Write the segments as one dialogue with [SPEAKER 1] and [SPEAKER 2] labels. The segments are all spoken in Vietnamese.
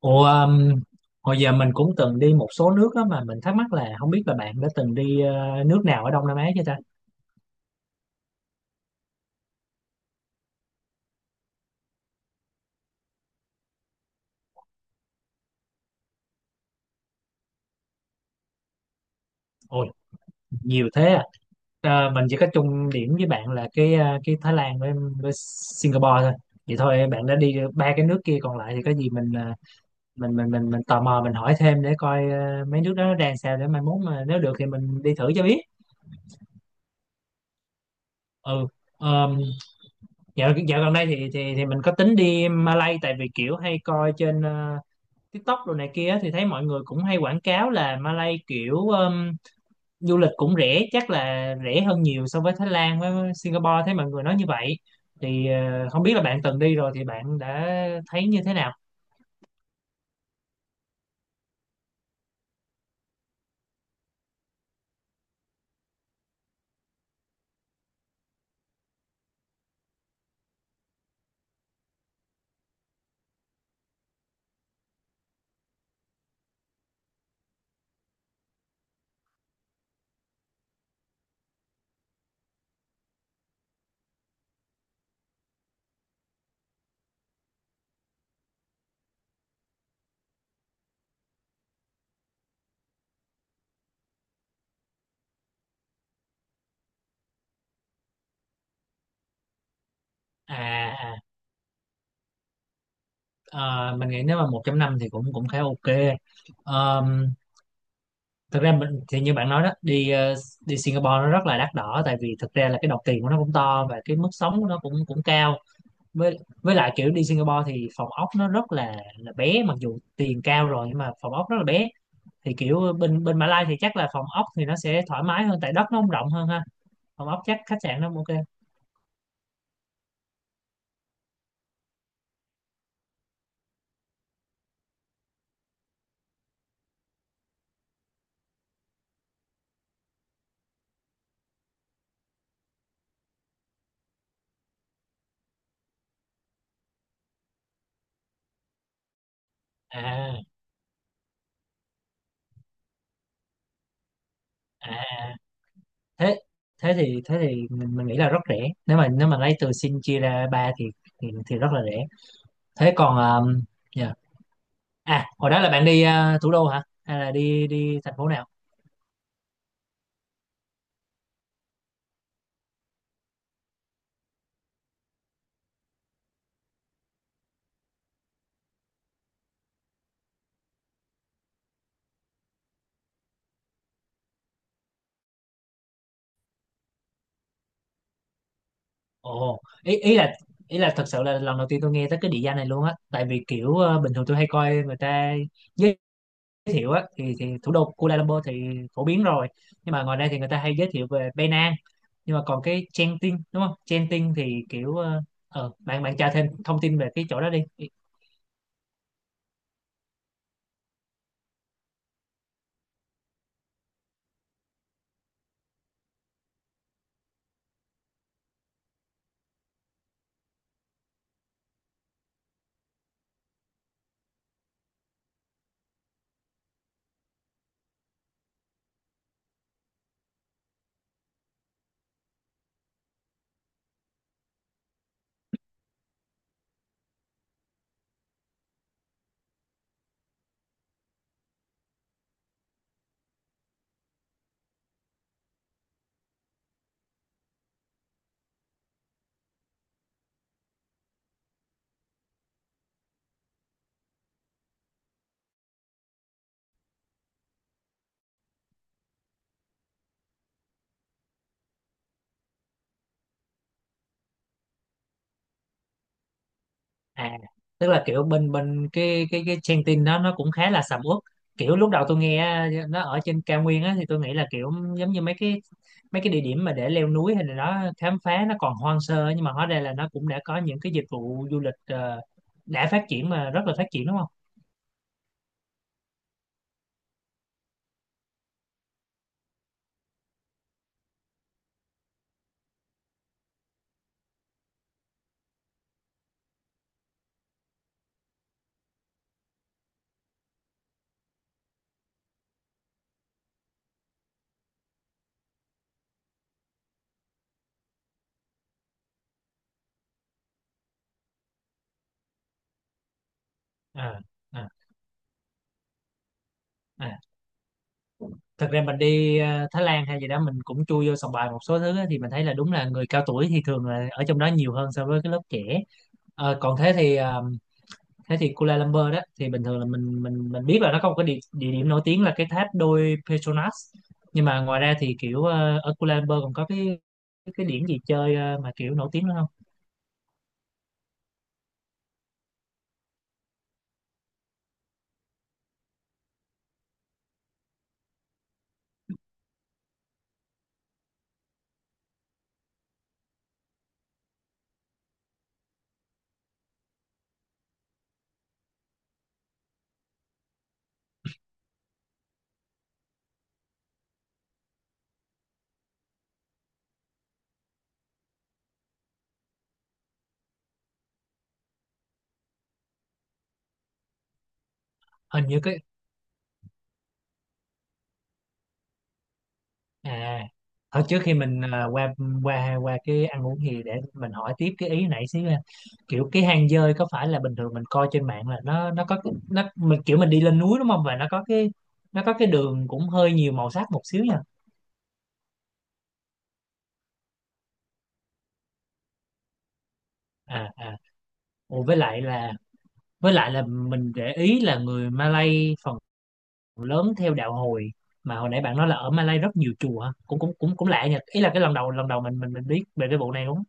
[SPEAKER 1] Ủa, um, Hồi giờ mình cũng từng đi một số nước á, mà mình thắc mắc là không biết là bạn đã từng đi nước nào ở Đông Nam Á chưa ta? Ôi, nhiều thế à. Ờ, mình chỉ có chung điểm với bạn là cái cái Thái Lan với Singapore thôi. Vậy thôi bạn đã đi ba cái nước kia, còn lại thì có gì mình mình tò mò mình hỏi thêm để coi mấy nước đó nó đang sao, để mai mốt mà nếu được thì mình đi thử cho biết. Ừ. Um, dạo gần đây thì mình có tính đi Malay, tại vì kiểu hay coi trên TikTok đồ này kia, thì thấy mọi người cũng hay quảng cáo là Malay kiểu du lịch cũng rẻ, chắc là rẻ hơn nhiều so với Thái Lan với Singapore, thấy mọi người nói như vậy thì không biết là bạn từng đi rồi thì bạn đã thấy như thế nào. À à, ờ, mình nghĩ nếu mà một trăm năm thì cũng cũng khá ok. Um, thực ra mình thì như bạn nói đó, đi đi Singapore nó rất là đắt đỏ, tại vì thực ra là cái đồng tiền của nó cũng to và cái mức sống của nó cũng cũng cao, với lại kiểu đi Singapore thì phòng ốc nó rất là bé, mặc dù tiền cao rồi nhưng mà phòng ốc rất là bé. Thì kiểu bên bên Mã Lai thì chắc là phòng ốc thì nó sẽ thoải mái hơn, tại đất nó không rộng hơn ha, phòng ốc chắc khách sạn nó cũng ok. À à à, thế thế thì mình nghĩ là rất rẻ, nếu mà lấy từ Sing chia ra ba thì rất là rẻ. Thế còn um, yeah. À hồi đó là bạn đi à, thủ đô hả hay là đi đi thành phố nào? Ồ, ý ý là thật sự là lần đầu tiên tôi nghe tới cái địa danh này luôn á, tại vì kiểu bình thường tôi hay coi người ta giới thiệu á, thì thủ đô Kuala Lumpur thì phổ biến rồi. Nhưng mà ngoài ra thì người ta hay giới thiệu về Penang, nhưng mà còn cái Genting đúng không? Genting thì kiểu bạn bạn tra thêm thông tin về cái chỗ đó đi. À, tức là kiểu bên bên cái trang tin đó nó cũng khá là sầm uất. Kiểu lúc đầu tôi nghe nó ở trên cao nguyên á, thì tôi nghĩ là kiểu giống như mấy cái địa điểm mà để leo núi hay là đó khám phá, nó còn hoang sơ ấy, nhưng mà hóa ra là nó cũng đã có những cái dịch vụ du lịch đã phát triển, mà rất là phát triển đúng không? À, à, à. Thật ra mình đi Thái Lan hay gì đó mình cũng chui vô sòng bài một số thứ á, thì mình thấy là đúng là người cao tuổi thì thường là ở trong đó nhiều hơn so với cái lớp trẻ. Ờ, còn thế thì thế thì Kuala Lumpur đó thì bình thường là mình biết là nó có một cái địa, địa điểm nổi tiếng là cái tháp đôi Petronas, nhưng mà ngoài ra thì kiểu ở Kuala Lumpur còn có cái điểm gì chơi mà kiểu nổi tiếng nữa không? Hình như cái à, thôi trước khi mình qua qua qua cái ăn uống thì để mình hỏi tiếp cái ý nãy xíu ha. Kiểu cái hang dơi có phải là bình thường mình coi trên mạng là nó có cái- nó mình kiểu mình đi lên núi đúng không, và nó có cái đường cũng hơi nhiều màu sắc một xíu nha. À à. Ủa, với lại là mình để ý là người Malay phần lớn theo đạo Hồi, mà hồi nãy bạn nói là ở Malay rất nhiều chùa hả? Cũng cũng cũng cũng lạ nhỉ, ý là cái lần đầu mình biết về cái vụ này đúng.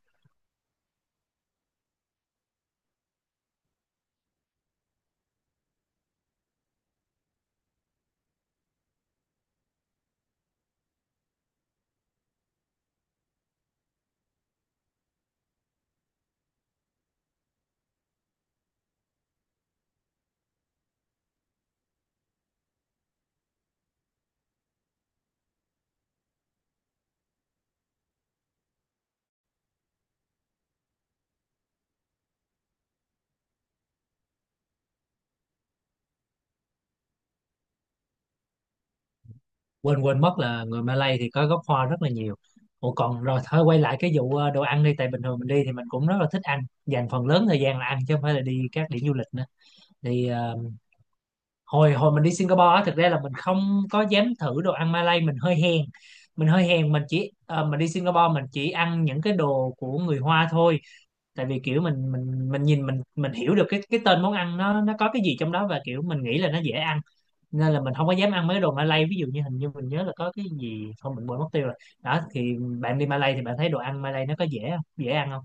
[SPEAKER 1] Quên quên mất là người Malay thì có gốc Hoa rất là nhiều. Ủa, còn rồi thôi, quay lại cái vụ đồ ăn đi, tại bình thường mình đi thì mình cũng rất là thích ăn, dành phần lớn thời gian là ăn chứ không phải là đi các điểm du lịch nữa. Thì hồi hồi mình đi Singapore á, thực ra là mình không có dám thử đồ ăn Malay, mình hơi hèn, mình hơi hèn, mình chỉ mình đi Singapore mình chỉ ăn những cái đồ của người Hoa thôi, tại vì kiểu mình nhìn, mình hiểu được cái tên món ăn nó có cái gì trong đó và kiểu mình nghĩ là nó dễ ăn, nên là mình không có dám ăn mấy cái đồ Malay, ví dụ như hình như mình nhớ là có cái gì không mình quên mất tiêu rồi. Đó thì bạn đi Malay thì bạn thấy đồ ăn Malay nó có dễ không, dễ ăn không?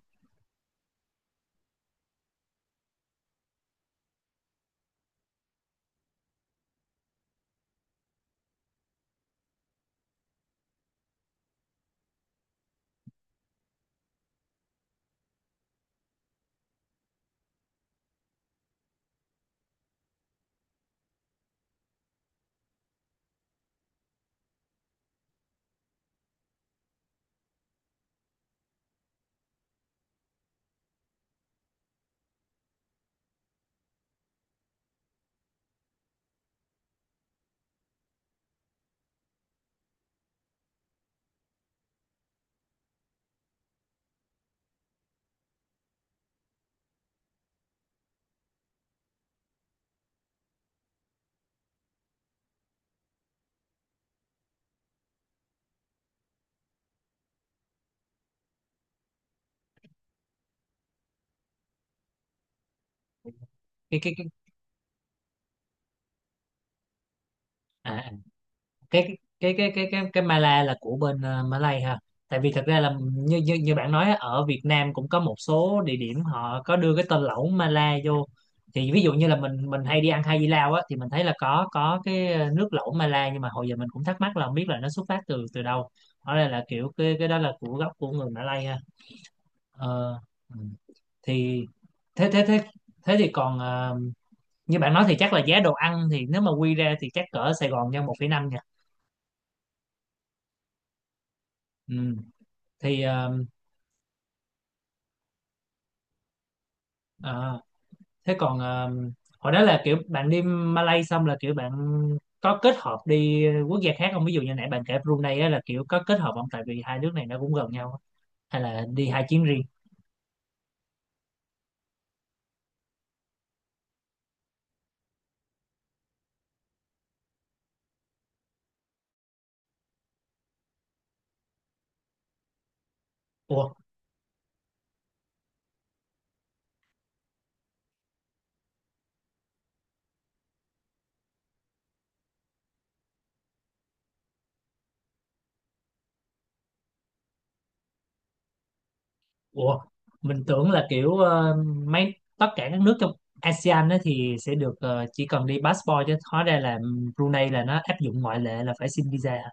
[SPEAKER 1] Cái à, à, cái Mala là của bên Malay ha, tại vì thật ra là như như như bạn nói á, ở Việt Nam cũng có một số địa điểm họ có đưa cái tên lẩu Mala vô. Thì ví dụ như là mình hay đi ăn Hai Di Lao á, thì mình thấy là có cái nước lẩu Mala, nhưng mà hồi giờ mình cũng thắc mắc là không biết là nó xuất phát từ từ đâu, hóa ra là kiểu cái đó là của gốc của người Malay ha. Ờ, ừ. Thì thế thế thế thế thì còn như bạn nói thì chắc là giá đồ ăn thì nếu mà quy ra thì chắc cỡ Sài Gòn nhân 1,5 nha. Ừ. Thì à, thế còn hồi đó là kiểu bạn đi Malay xong là kiểu bạn có kết hợp đi quốc gia khác không? Ví dụ như nãy bạn kể Brunei á, là kiểu có kết hợp không? Tại vì hai nước này nó cũng gần nhau á. Hay là đi hai chuyến riêng? Ủa, ủa, mình tưởng là kiểu mấy tất cả các nước trong ASEAN á thì sẽ được chỉ cần đi passport, chứ hóa ra là Brunei là nó áp dụng ngoại lệ là phải xin visa hả?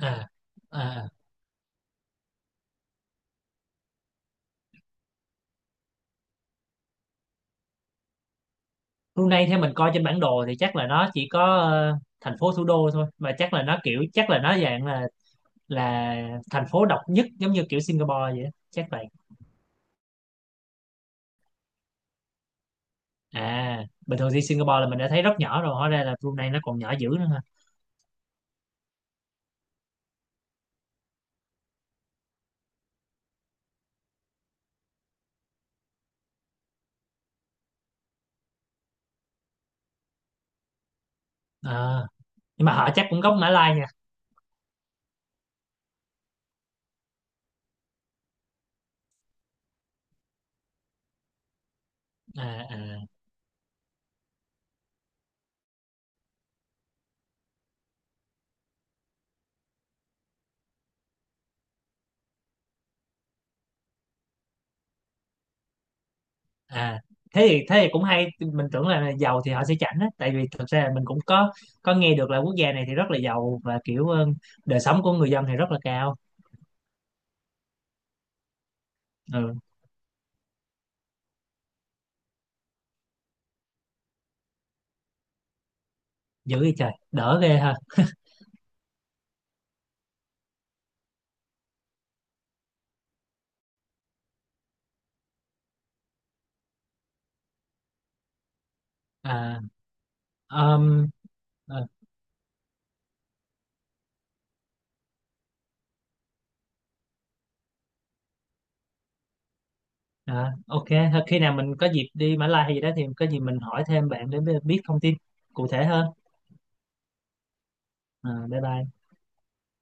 [SPEAKER 1] À, à. Brunei theo mình coi trên bản đồ thì chắc là nó chỉ có thành phố thủ đô thôi, mà chắc là nó kiểu chắc là nó dạng là thành phố độc nhất giống như kiểu Singapore vậy á, chắc vậy. À bình thường đi Singapore là mình đã thấy rất nhỏ rồi, hóa ra là Brunei nó còn nhỏ dữ nữa ha. Ờ. Nhưng mà họ chắc cũng gốc Mã Lai nha. À, à, à, thế thì cũng hay, mình tưởng là giàu thì họ sẽ chảnh á, tại vì thực ra là mình cũng có nghe được là quốc gia này thì rất là giàu và kiểu đời sống của người dân thì rất là cao. Ừ, dữ vậy trời, đỡ ghê ha. à, um, À, ok, thôi khi nào mình có dịp đi Mã Lai hay gì đó thì có gì mình hỏi thêm bạn để biết thông tin cụ thể hơn. À, bye bye.